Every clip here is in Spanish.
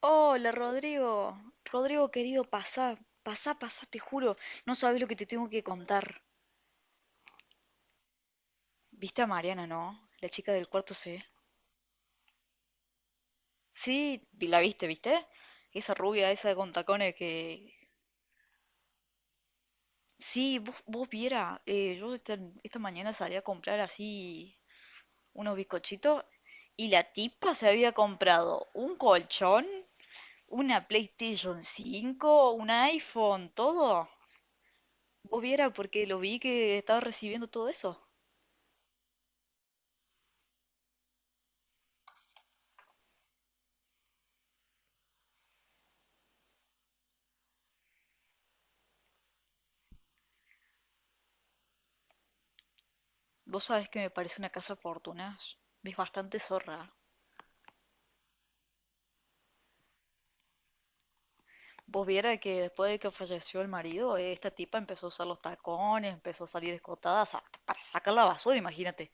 Hola Rodrigo, Rodrigo querido, pasá, pasá, pasá, te juro, no sabes lo que te tengo que contar. ¿Viste a Mariana, no? La chica del cuarto C. Sí, la viste, ¿viste? Esa rubia, esa con tacones que... Sí, vos viera, esta mañana salí a comprar así unos bizcochitos y la tipa se había comprado un colchón, una PlayStation 5, un iPhone, todo. Vos viera porque lo vi que estaba recibiendo todo eso. Vos sabés que me parece una casa de fortunas. Es bastante zorra. Vos viera que después de que falleció el marido, esta tipa empezó a usar los tacones, empezó a salir escotada para sacar la basura, imagínate.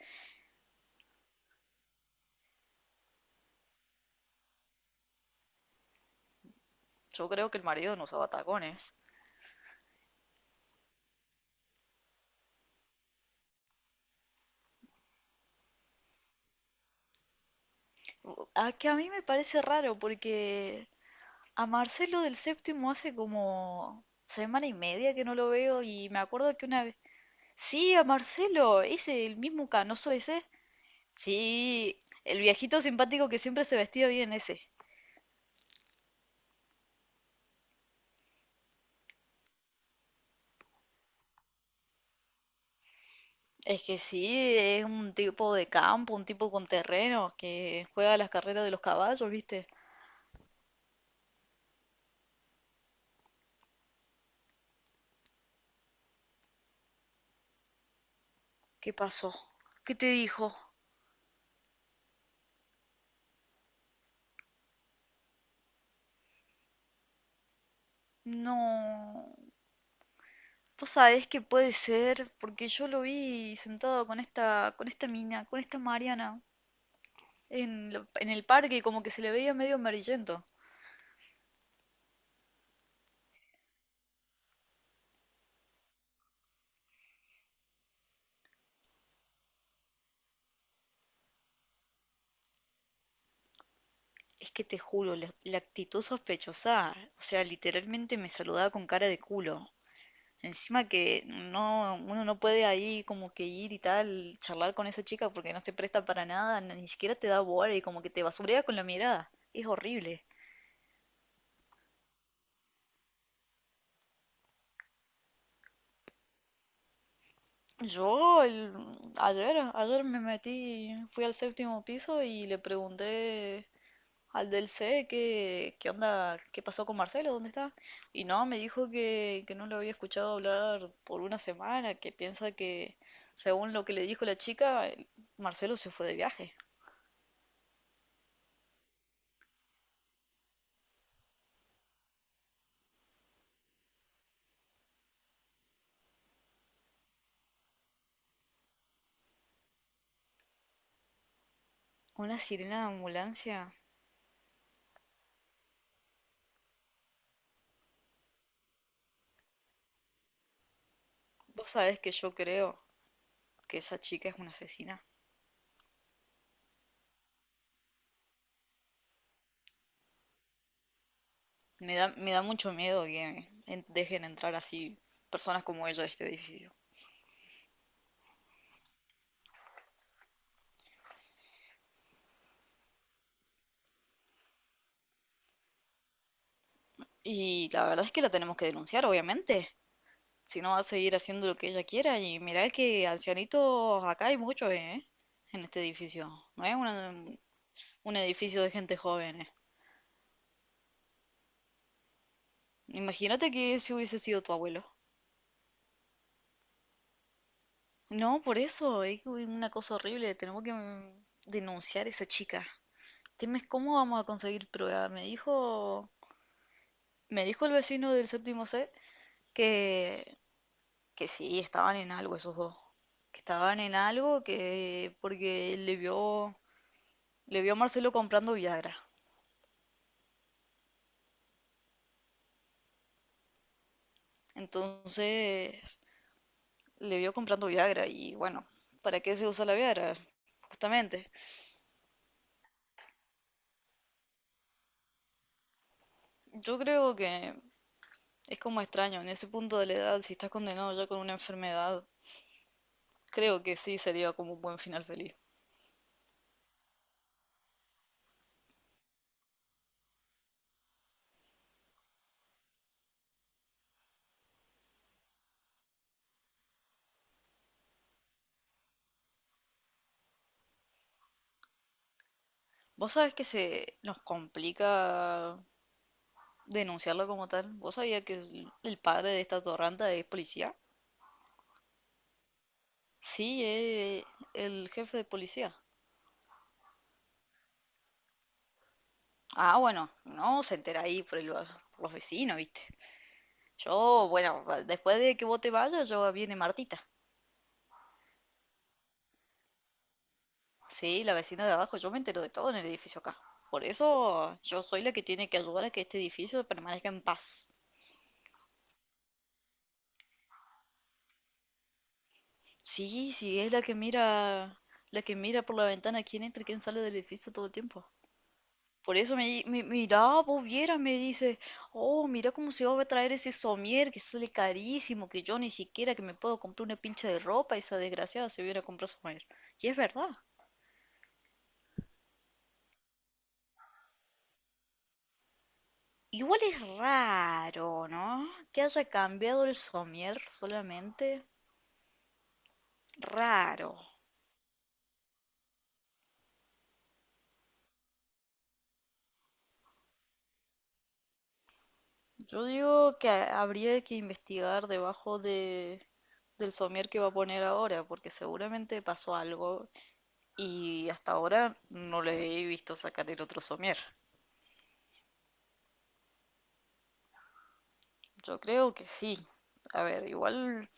Yo creo que el marido no usaba tacones. A que a mí me parece raro porque a Marcelo del Séptimo hace como semana y media que no lo veo y me acuerdo que una vez... Sí, a Marcelo, ese, el mismo canoso ese. Sí, el viejito simpático que siempre se vestía bien ese. Es que sí, es un tipo de campo, un tipo con terreno que juega las carreras de los caballos, ¿viste? ¿Qué pasó? ¿Qué te dijo? No, vos sabés que puede ser, porque yo lo vi sentado con esta mina, con esta Mariana, en el parque, y como que se le veía medio amarillento. Es que te juro, la actitud sospechosa, o sea, literalmente me saludaba con cara de culo. Encima que no, uno no puede ahí como que ir y tal, charlar con esa chica porque no se presta para nada, ni siquiera te da bola y como que te basurea con la mirada. Es horrible. Yo el- ayer, ayer me metí, fui al séptimo piso y le pregunté al del C qué onda, qué pasó con Marcelo, dónde está. Y no, me dijo que no lo había escuchado hablar por una semana, que piensa que según lo que le dijo la chica, Marcelo se fue de viaje. Una sirena de ambulancia. Vos sabés que yo creo que esa chica es una asesina. Me da mucho miedo que dejen entrar así personas como ella a este edificio. Y la verdad es que la tenemos que denunciar, obviamente. Si no, va a seguir haciendo lo que ella quiera. Y mirá que ancianitos acá hay muchos, ¿eh? En este edificio. No es una- un edificio de gente joven, ¿eh? Imagínate que si hubiese sido tu abuelo. No, por eso, es una cosa horrible. Tenemos que denunciar a esa chica. Dime, ¿cómo vamos a conseguir prueba? Me dijo el vecino del séptimo C que, que sí, estaban en algo esos dos. Que estaban en algo que porque le vio a Marcelo comprando Viagra. Entonces, le vio comprando Viagra y bueno, ¿para qué se usa la Viagra? Justamente. Yo creo que es como extraño, en ese punto de la edad, si estás condenado ya con una enfermedad, creo que sí sería como un buen final feliz. Vos sabés que se nos complica denunciarlo como tal. ¿Vos sabías que el padre de esta torranta es policía? Sí, es el jefe de policía. Ah, bueno, no se entera ahí por los vecinos, ¿viste? Yo, bueno, después de que vos te vayas, yo viene Martita. Sí, la vecina de abajo, yo me entero de todo en el edificio acá. Por eso yo soy la que tiene que ayudar a que este edificio permanezca en paz. Sí, sí, es la que mira por la ventana quién entra y quién sale del edificio todo el tiempo. Por eso mira, vos vieras, me dice, oh, mira cómo se va a traer ese somier que sale carísimo, que yo ni siquiera que me puedo comprar una pincha de ropa, esa desgraciada se viene a comprar somier. Y es verdad. Igual es raro, ¿no? Que haya cambiado el somier solamente. Raro. Yo digo que habría que investigar del somier que va a poner ahora, porque seguramente pasó algo y hasta ahora no le he visto sacar el otro somier. Yo creo que sí. A ver, igual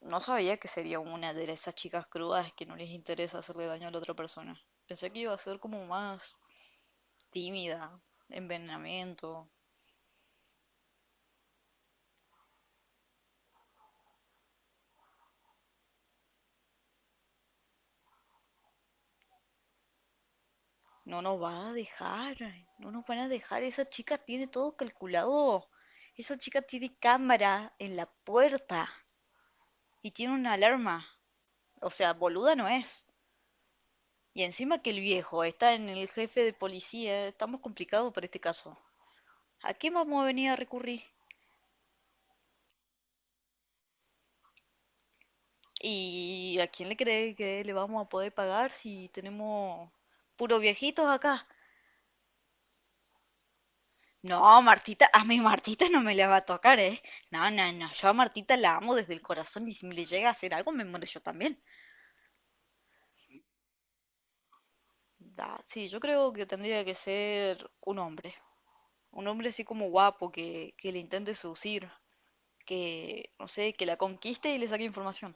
no sabía que sería una de esas chicas crudas que no les interesa hacerle daño a la otra persona. Pensé que iba a ser como más tímida, envenenamiento. No nos va a dejar, no nos van a dejar. Esa chica tiene todo calculado. Esa chica tiene cámara en la puerta y tiene una alarma. O sea, boluda no es. Y encima que el viejo está en el jefe de policía, estamos complicados para este caso. ¿A quién vamos a venir a recurrir? ¿Y a quién le cree que le vamos a poder pagar si tenemos puros viejitos acá? No, Martita, a mi Martita no me la va a tocar, ¿eh? No, no, no, yo a Martita la amo desde el corazón y si me le llega a hacer algo me muero yo también. Da, sí, yo creo que tendría que ser un hombre así como guapo que le intente seducir, que, no sé, que la conquiste y le saque información.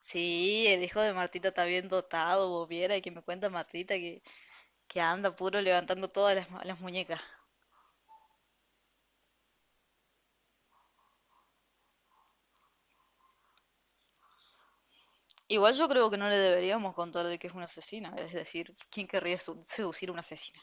Sí, el hijo de Martita está bien dotado, vos viera, y que me cuenta Martita que anda puro levantando todas las muñecas. Igual yo creo que no le deberíamos contar de que es una asesina, es decir, ¿quién querría seducir a una asesina?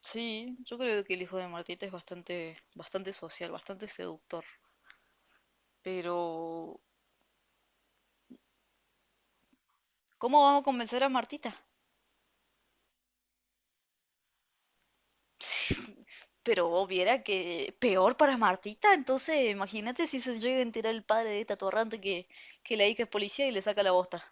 Sí, yo creo que el hijo de Martita es bastante, bastante social, bastante seductor. Pero, ¿cómo vamos a convencer a Martita? Pero vos viera que peor para Martita, entonces imagínate si se llega a enterar el padre de esta atorrante que la hija es policía y le saca la bosta.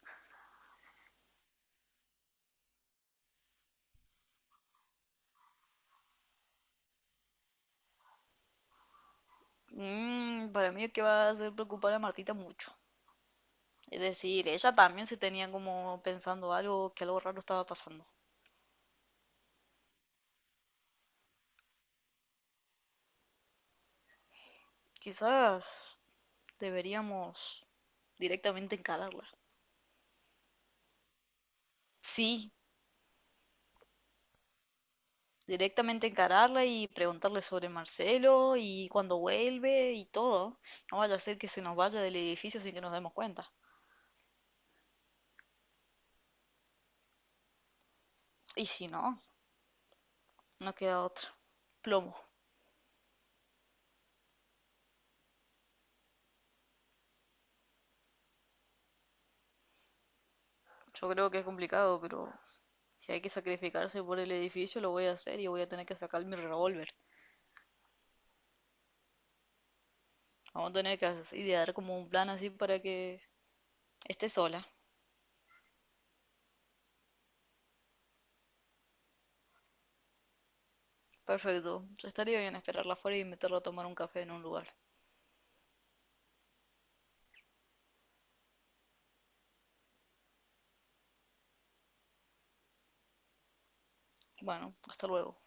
Mm, para mí es que va a hacer preocupar a Martita mucho. Es decir, ella también se tenía como pensando algo, que algo raro estaba pasando. Quizás deberíamos directamente encararla. Sí, directamente encararla y preguntarle sobre Marcelo y cuando vuelve y todo. No vaya a ser que se nos vaya del edificio sin que nos demos cuenta. Y si no, no queda otra. Plomo. Yo creo que es complicado, pero si hay que sacrificarse por el edificio, lo voy a hacer y voy a tener que sacar mi revólver. Vamos a tener que idear como un plan así para que esté sola. Perfecto. Estaría bien esperarla afuera y invitarla a tomar un café en un lugar. Bueno, hasta luego.